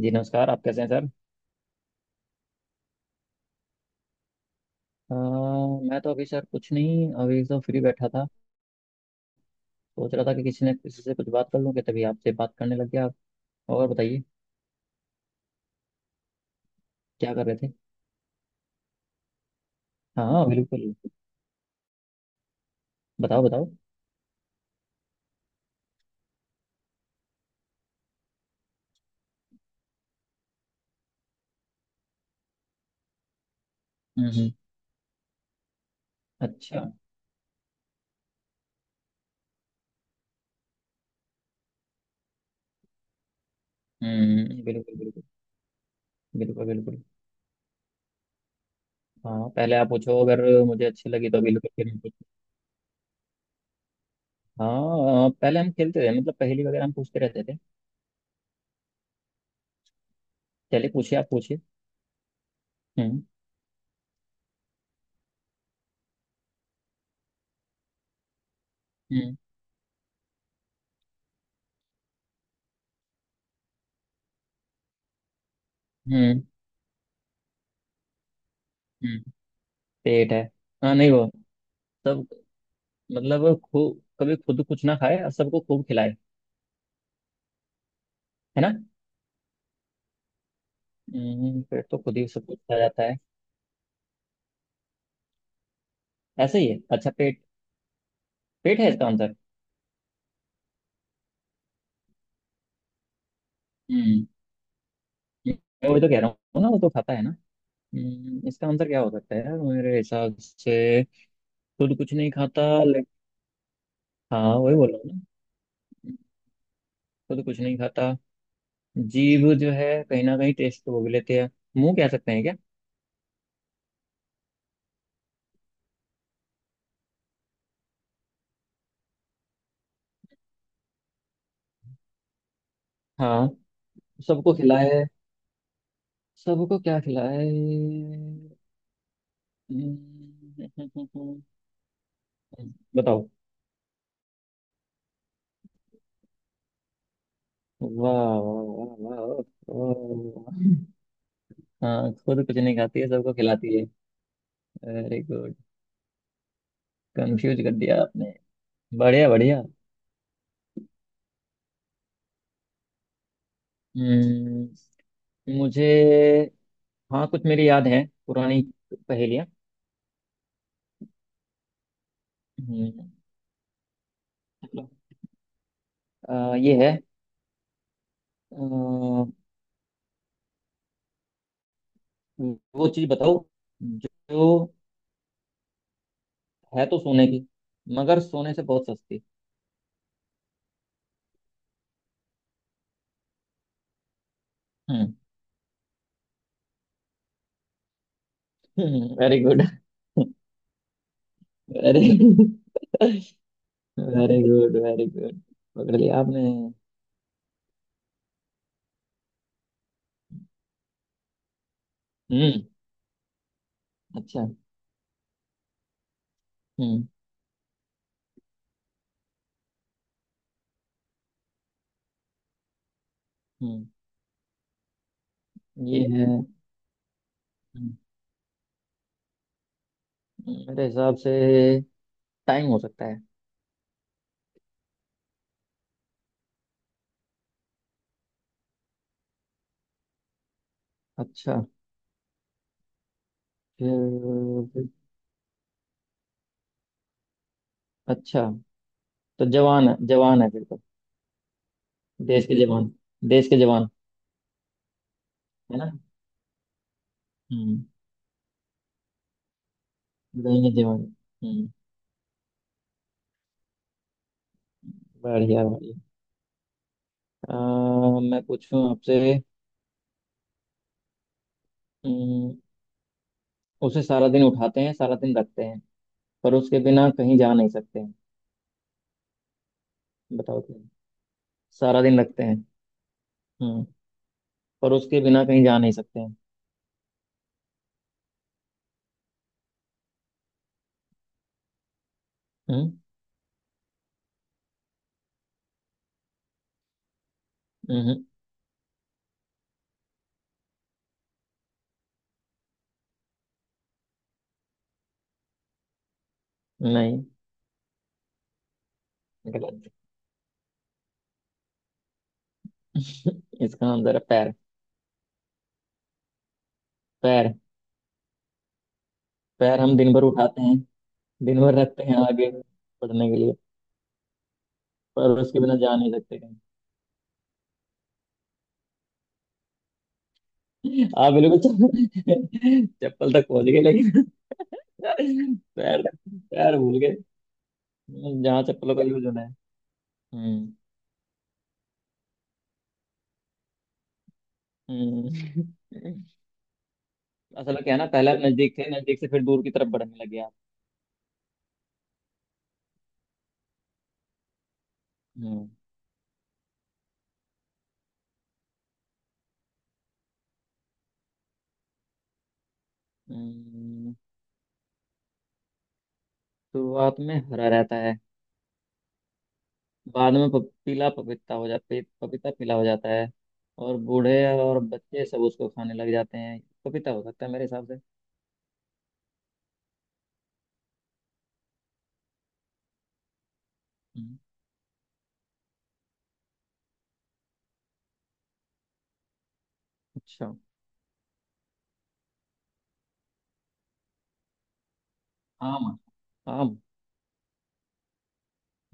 जी नमस्कार। आप कैसे हैं सर? अ, मैं तो अभी सर कुछ नहीं, अभी तो फ्री बैठा था। सोच रहा था कि किसी ने किसी से कुछ बात कर लूं कि तभी आपसे बात करने लग गया। आप और बताइए, क्या कर रहे थे? हाँ हाँ बिल्कुल, बताओ बताओ। हम्म हम्म, अच्छा। हम्म, बिल्कुल बिल्कुल। बिल्कुल बिल्कुल। हाँ पहले आप पूछो, अगर मुझे अच्छी लगी तो बिल्कुल फिर मैं पूछूं। हाँ पहले हम खेलते थे, मतलब पहेली वगैरह हम पूछते रहते थे। चलिए पूछिए, आप पूछिए। हम्म। हम्म। हम्म। हम्म। पेट है। हाँ नहीं वो, सब, मतलब खूब कभी खुद कुछ ना खाए और सबको खूब खिलाए, है ना। पेट तो खुद ही सब कुछ खा जाता है। ऐसे ही है, अच्छा। पेट, पेट है इसका आंसर। हम्म, मैं वही तो कह रहा हूँ ना, वो तो खाता है ना। इसका आंसर क्या हो सकता है यार, मेरे हिसाब से। खुद कुछ नहीं खाता लेकिन। हाँ वही बोल रहा हूँ ना, खुद कुछ नहीं खाता। जीभ जो है कहीं ना कहीं टेस्ट तो वो भी लेते हैं। मुंह कह सकते हैं क्या? हाँ। सबको खिलाए, सबको क्या खिलाए। हम्म, बताओ। वाह। वाह। वाह वाह। वाह। हाँ खुद कुछ नहीं खाती है, सबको खिलाती है। Very good. कंफ्यूज कर दिया आपने। बढ़िया बढ़िया। हम्म, मुझे, हाँ कुछ मेरी याद है पुरानी पहेलियाँ। हम्म, चलो। ये है अ, वो चीज़ बताओ जो है तो सोने की मगर सोने से बहुत सस्ती। हम्म, very good. Very, very good, very good. पकड़ लिया आपने। हम्म, अच्छा। हम्म। हम्म। ये है। हम्म, मेरे हिसाब से टाइम हो सकता है। अच्छा, फिर। अच्छा, तो जवान है, जवान है फिर तो। देश के जवान। देश के जवान, है ना। हम्म, लड़ाई में जवान। हम्म, बढ़िया बढ़िया। मैं पूछूं आपसे। हम्म, उसे सारा दिन उठाते हैं, सारा दिन रखते हैं, पर उसके बिना कहीं जा नहीं सकते हैं। बताओ क्या है? सारा दिन रखते हैं। हम्म, पर उसके बिना कहीं जा नहीं सकते हैं। हम्म। हम्म, नहीं, गलत। इसका आंसर है पैर। पैर। पैर हम दिन भर उठाते हैं, दिन भर रखते हैं आगे पढ़ने के लिए, पर उसके बिना जा नहीं सकते कहीं। आप बिल्कुल चप्पल चप्पल तक पहुंच गए लेकिन पैर, पैर भूल गए, जहाँ चप्पलों का यूज होना है। हम्म। हम्म। असल में क्या है ना, पहले आप नजदीक थे, नजदीक से फिर दूर की तरफ बढ़ने लगे आप। हम्म। हम्म, शुरुआत में हरा रहता है, बाद में पीला, पपीता पीला हो जाता है, और बूढ़े और बच्चे सब उसको खाने लग जाते हैं, पपीता हो सकता है मेरे हिसाब से। हम्म, अच्छा। आम। आम।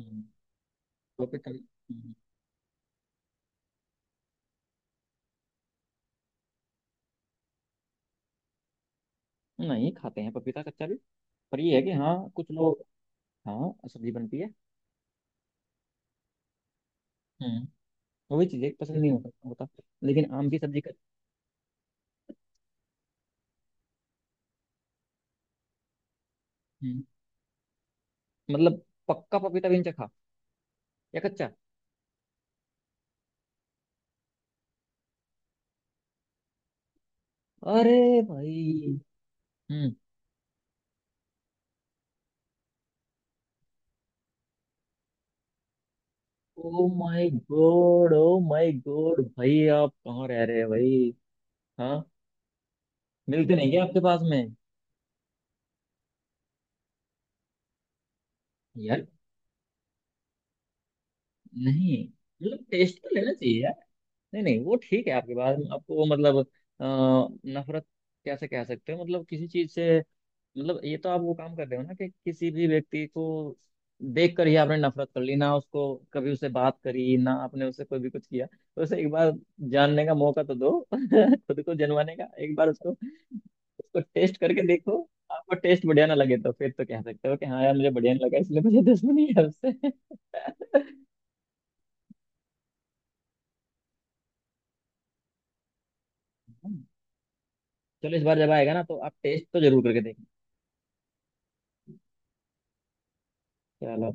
हम्म, पपीता। नहीं खाते हैं पपीता कच्चा भी, पर ये है कि हाँ कुछ लोग, हाँ सब्जी बनती है। हम्म, वही चीजें पसंद नहीं होता होता। लेकिन आम की सब्जी का। हम्म, मतलब, पक्का पपीता भी नहीं चखा या कच्चा? अरे भाई। Oh my god, oh my god भाई, आप कहाँ रह रहे हैं भाई? हाँ, मिलते नहीं क्या आपके पास में? यार, नहीं मतलब टेस्ट तो लेना चाहिए यार। नहीं नहीं, वो ठीक है, आपके पास में आपको वो मतलब नफरत कैसे कह सकते हो मतलब किसी चीज से? मतलब ये तो आप वो काम कर रहे हो ना कि किसी भी व्यक्ति को देख कर ही आपने नफरत कर ली, ना उसको कभी, उससे बात करी ना आपने, उससे कोई भी कुछ किया तो, उसे एक बार जानने का मौका तो दो। खुद को जनवाने का एक बार उसको। उसको टेस्ट करके देखो, आपको टेस्ट बढ़िया ना लगे तो फिर तो कह सकते हो कि हाँ यार, मुझे बढ़िया नहीं लगा, इसलिए मुझे दुश्मनी है उससे। चलो इस बार जब आएगा ना तो आप टेस्ट तो जरूर करके देखना। चलो,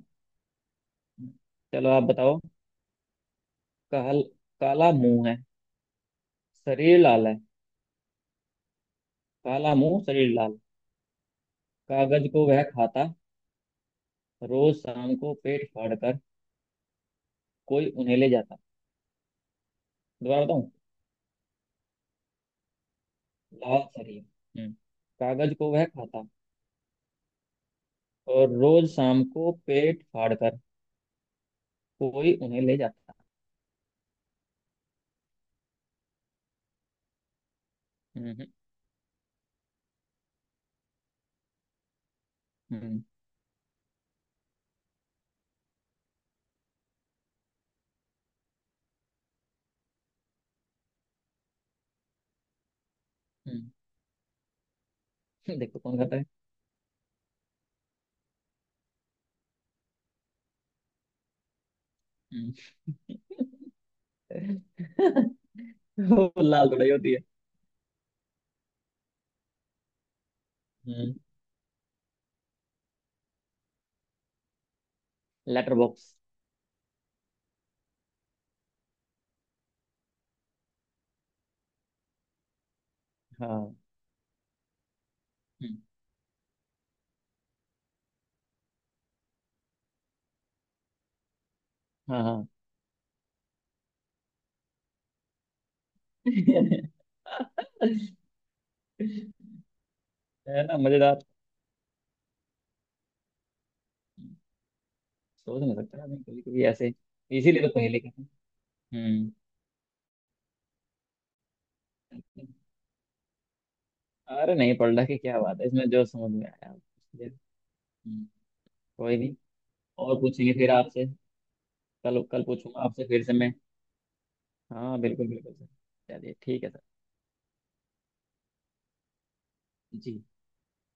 चलो आप बताओ। काल काला मुंह है, शरीर लाल है। काला मुंह, शरीर लाल। कागज को वह खाता, रोज शाम को पेट फाड़कर कोई उन्हें ले जाता। दोबारा बताऊं। लाल सरिया। हम्म। कागज को वह खाता, और रोज शाम को पेट फाड़कर कोई उन्हें ले जाता। हम्म। हम्म। हम्म। देखो कौन खाता है। हम्म। वो लाल थोड़ी होती है। हम्म। Letter box. हाँ। हम्म, हाँ हाँ। है ना मजेदार। सोच नहीं सकता आदमी कभी कभी ऐसे। इसीलिए तो पहले कहते हैं। हम्म, अरे नहीं, पलटा की क्या बात है इसमें, जो समझ में आया इसलिए। हम्म, कोई नहीं, और पूछेंगे फिर आपसे। कल कल पूछूंगा आपसे फिर से मैं। हाँ बिल्कुल बिल्कुल सर। चलिए ठीक है सर। जी।